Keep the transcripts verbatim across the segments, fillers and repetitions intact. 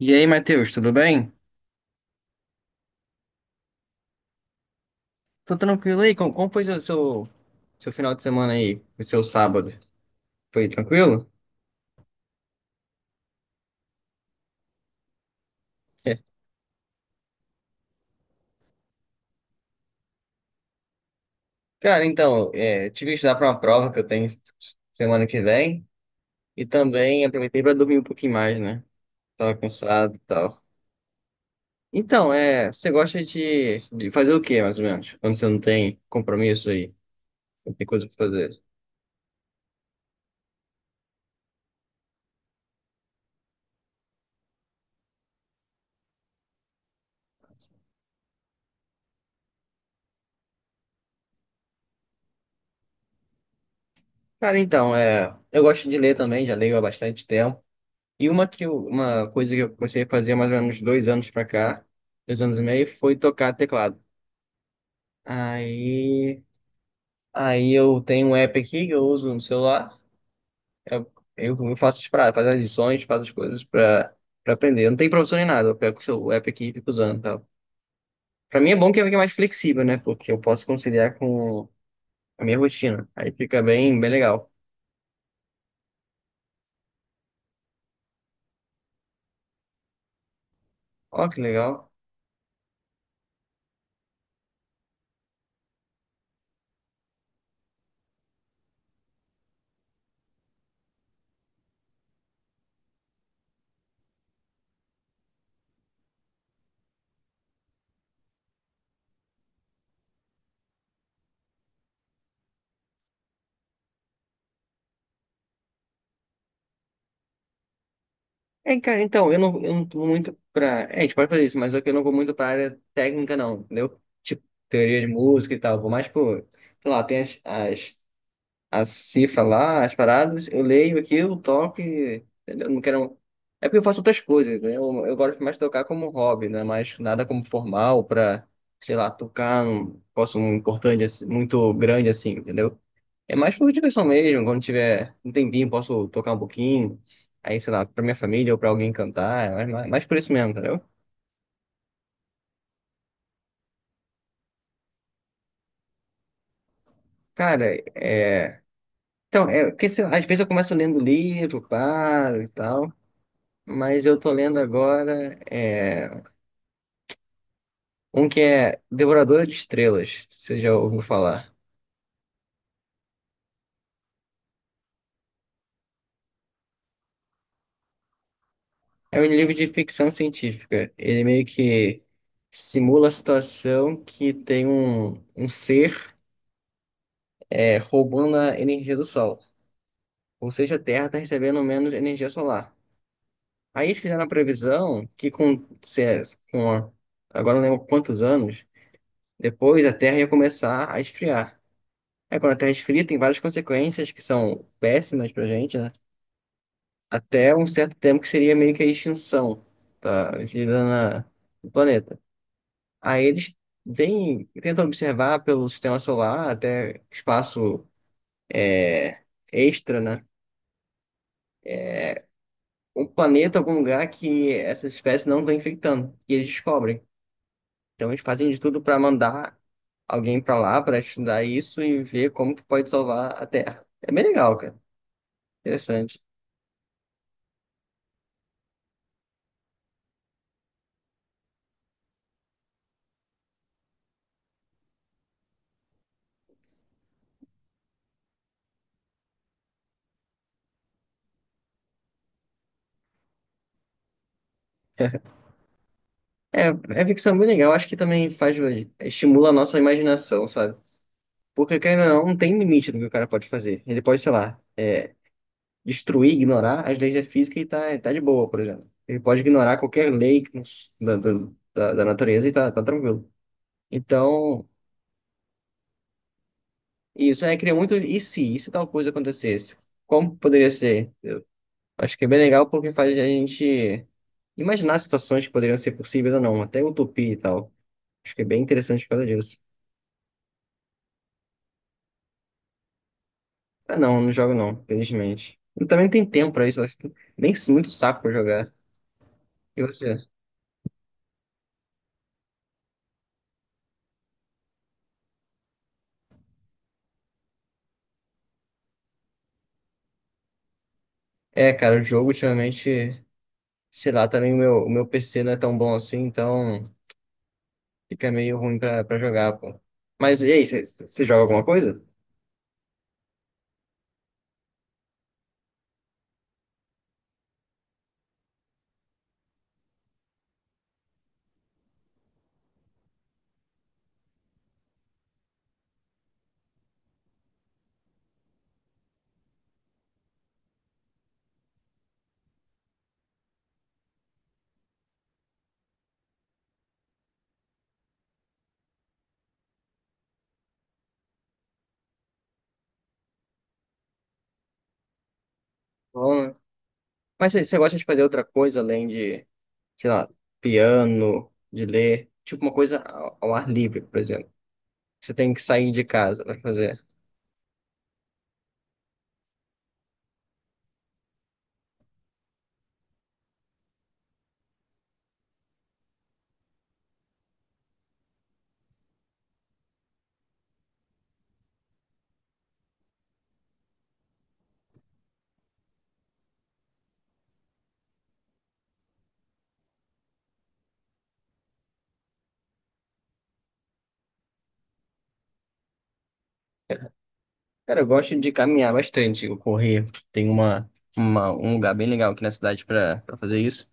E aí, Matheus, tudo bem? Tô tranquilo aí? Como, como foi seu, seu, seu final de semana aí? O seu sábado? Foi tranquilo? Cara, então, é, tive que estudar para uma prova que eu tenho semana que vem. E também aproveitei para dormir um pouquinho mais, né? Tava cansado e tal. Então, é, você gosta de, de fazer o quê, mais ou menos? Quando você não tem compromisso aí, não tem coisa pra fazer. Cara, então, é, eu gosto de ler também, já leio há bastante tempo. E uma, que eu- uma coisa que eu comecei a fazer há mais ou menos dois anos pra cá, dois anos e meio, foi tocar teclado. Aí, aí eu tenho um app aqui que eu uso no celular. Eu, eu faço pra, faço as lições, faço as coisas pra, pra aprender. Eu não tem professor nem nada, eu pego o seu app aqui e fico usando e tal. Pra mim é bom que é mais flexível, né? Porque eu posso conciliar com a minha rotina. Aí fica bem, bem legal. Ó, que legal. É, cara, então, eu não, eu não vou muito pra. É, a gente pode fazer isso, mas só que eu não vou muito pra área técnica, não, entendeu? Tipo, teoria de música e tal. Vou mais, pô, sei lá, tem as, as as cifras lá, as paradas, eu leio aquilo, toco e. Entendeu? Não quero. É porque eu faço outras coisas, né? Eu, eu gosto mais de tocar como hobby, né? Mas nada como formal pra, sei lá, tocar um posso um importante, assim, muito grande assim, entendeu? É mais por diversão mesmo, quando tiver um tempinho, posso tocar um pouquinho. Aí, sei lá, pra minha família ou pra alguém cantar, mas mais mais por isso mesmo, entendeu? Cara, é. Então, é, porque sei lá, às vezes eu começo lendo livro, paro e tal. Mas eu tô lendo agora é, um que é Devoradora de Estrelas, se você já ouviu falar. É um livro de ficção científica. Ele meio que simula a situação que tem um, um ser é, roubando a energia do Sol. Ou seja, a Terra está recebendo menos energia solar. Aí eles fizeram a previsão que com, se- é, com a- agora não lembro quantos anos, depois a Terra ia começar a esfriar. Aí quando a Terra esfria, tem várias consequências que são péssimas pra gente, né? Até um certo tempo que seria meio que a extinção da vida na- no planeta. Aí eles têm, tentam observar pelo sistema solar, até espaço extra, né? Um planeta, algum lugar que essas espécies não estão infectando, e eles descobrem. Então eles fazem de tudo para mandar alguém para lá para estudar isso e ver como que pode salvar a Terra. É bem legal, cara. Interessante. É, é ficção bem legal. Acho que também faz estimula a nossa imaginação, sabe? Porque, querendo ou não, não tem limite do que o cara pode fazer. Ele pode, sei lá, destruir, ignorar as leis da física e tá, tá de boa, por exemplo. Ele pode ignorar qualquer lei que nos- da, da, da- da natureza e tá, tá tranquilo. Então, isso é, cria muito e se, e se tal coisa acontecesse? Como poderia ser? Acho que é bem legal porque faz a gente imaginar situações que poderiam ser possíveis ou não, até utopia e tal. Acho que é bem interessante por causa disso. Ah, não, não jogo não, felizmente. Eu também não tenho tempo pra isso, acho que nem muito saco pra jogar. E você? É, cara, o jogo ultimamente, sei lá, também o meu, o meu P C não é tão bom assim, então fica meio ruim pra, pra jogar, pô. Mas e aí, você joga alguma coisa? Bom, né? Mas você gosta de fazer outra coisa além de, sei lá, piano, de ler, tipo uma coisa ao, ao ar livre, por exemplo. Você tem que sair de casa pra fazer. Cara, eu gosto de caminhar bastante, eu correr. Tem uma, uma, um lugar bem legal aqui na cidade pra, pra fazer isso.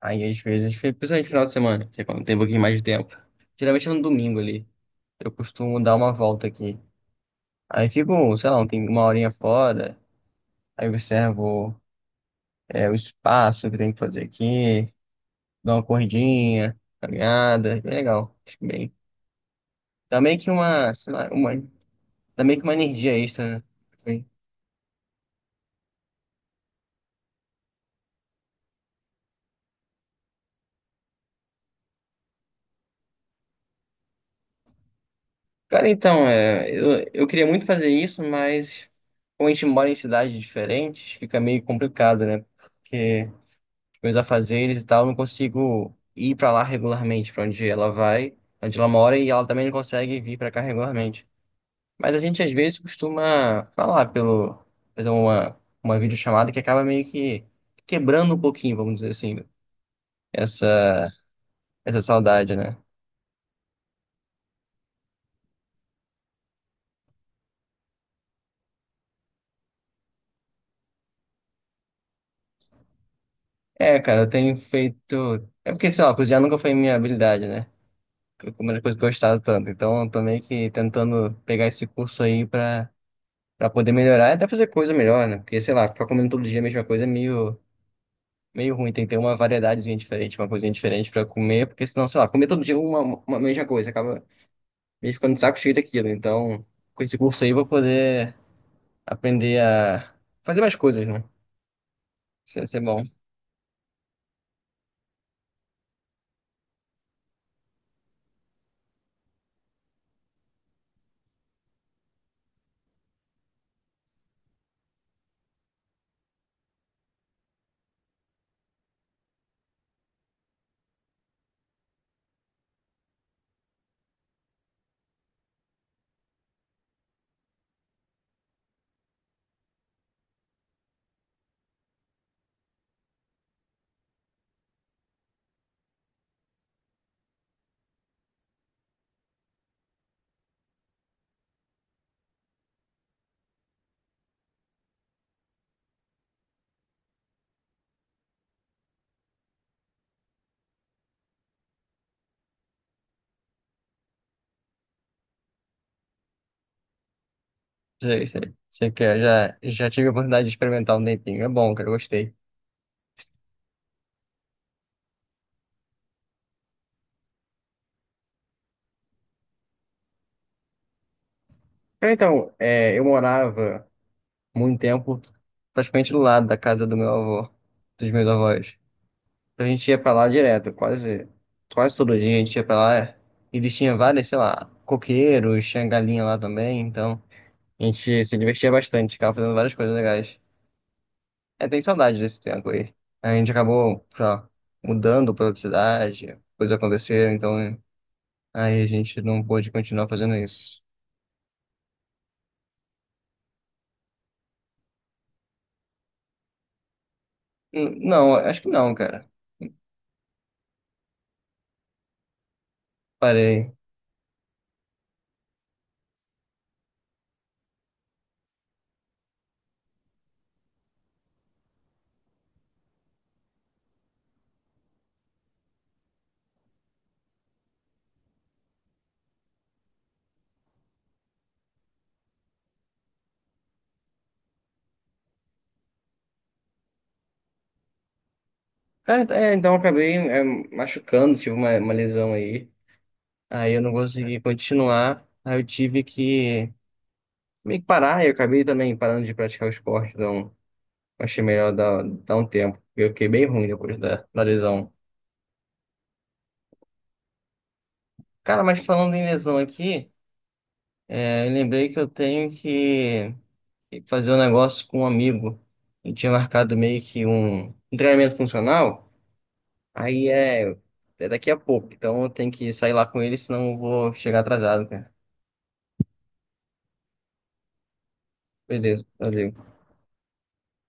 Aí às vezes, principalmente no final de semana, que é quando tem um pouquinho mais de tempo. Geralmente é no domingo ali. Eu costumo dar uma volta aqui. Aí fico, sei lá, um tem- uma horinha fora, aí observo é, o espaço que tem que fazer aqui, dou uma corridinha, caminhada, é legal, acho bem. Dá meio que uma, sei lá, uma, dá meio que uma energia extra, né? Assim. Cara, então, é, eu, eu queria muito fazer isso, mas como a gente mora em cidades diferentes, fica meio complicado, né? Porque meus afazeres e tal, não consigo ir pra lá regularmente, pra onde ela vai, onde ela mora, e ela também não consegue vir pra cá regularmente. Mas a gente às vezes costuma falar pelo, fazer uma, uma videochamada que acaba meio que quebrando um pouquinho, vamos dizer assim, essa, essa saudade, né? É, cara, eu tenho feito. É porque, sei lá, cozinhar nunca foi minha habilidade, né? Foi uma das coisas que eu gostava tanto. Então, eu tô meio que tentando pegar esse curso aí pra pra poder melhorar e até fazer coisa melhor, né? Porque, sei lá, ficar comendo todo dia a mesma coisa é meio, meio ruim. Tem que ter uma variedadezinha diferente, uma coisinha diferente pra comer, porque senão, sei lá, comer todo dia uma, uma mesma coisa, acaba meio ficando de saco cheio daquilo. Então, com esse curso aí, eu vou poder aprender a fazer mais coisas, né? Isso é isso é bom. Sei, sei, sei que eu já, já tive a oportunidade de experimentar um tempinho. É bom, cara, eu gostei. Cara, então, é, eu morava muito tempo praticamente do lado da casa do meu avô, dos meus avós. Então a gente ia pra lá direto, quase, quase todo dia a gente ia pra lá. Eles tinham várias, sei lá, coqueiros, tinha galinha lá também, então a gente se divertia bastante, ficava fazendo várias coisas legais. É, tem saudade desse tempo aí. A gente acabou, sei lá, mudando pra outra cidade, coisas aconteceram, então é, aí a gente não pôde continuar fazendo isso. Hum, não, acho que não, cara. Parei. Cara, é, então eu acabei é, machucando, tive uma, uma lesão aí. Aí eu não consegui continuar. Aí eu tive que meio que parar, e eu acabei também parando de praticar o esporte, então achei melhor dar, dar um tempo. Eu fiquei bem ruim depois da, da lesão. Cara, mas falando em lesão aqui, é, eu lembrei que eu tenho que que fazer um negócio com um amigo. Eu tinha marcado meio que um um treinamento funcional, aí é, é daqui a pouco, então eu tenho que sair lá com ele, senão eu vou chegar atrasado, cara. Beleza, valeu.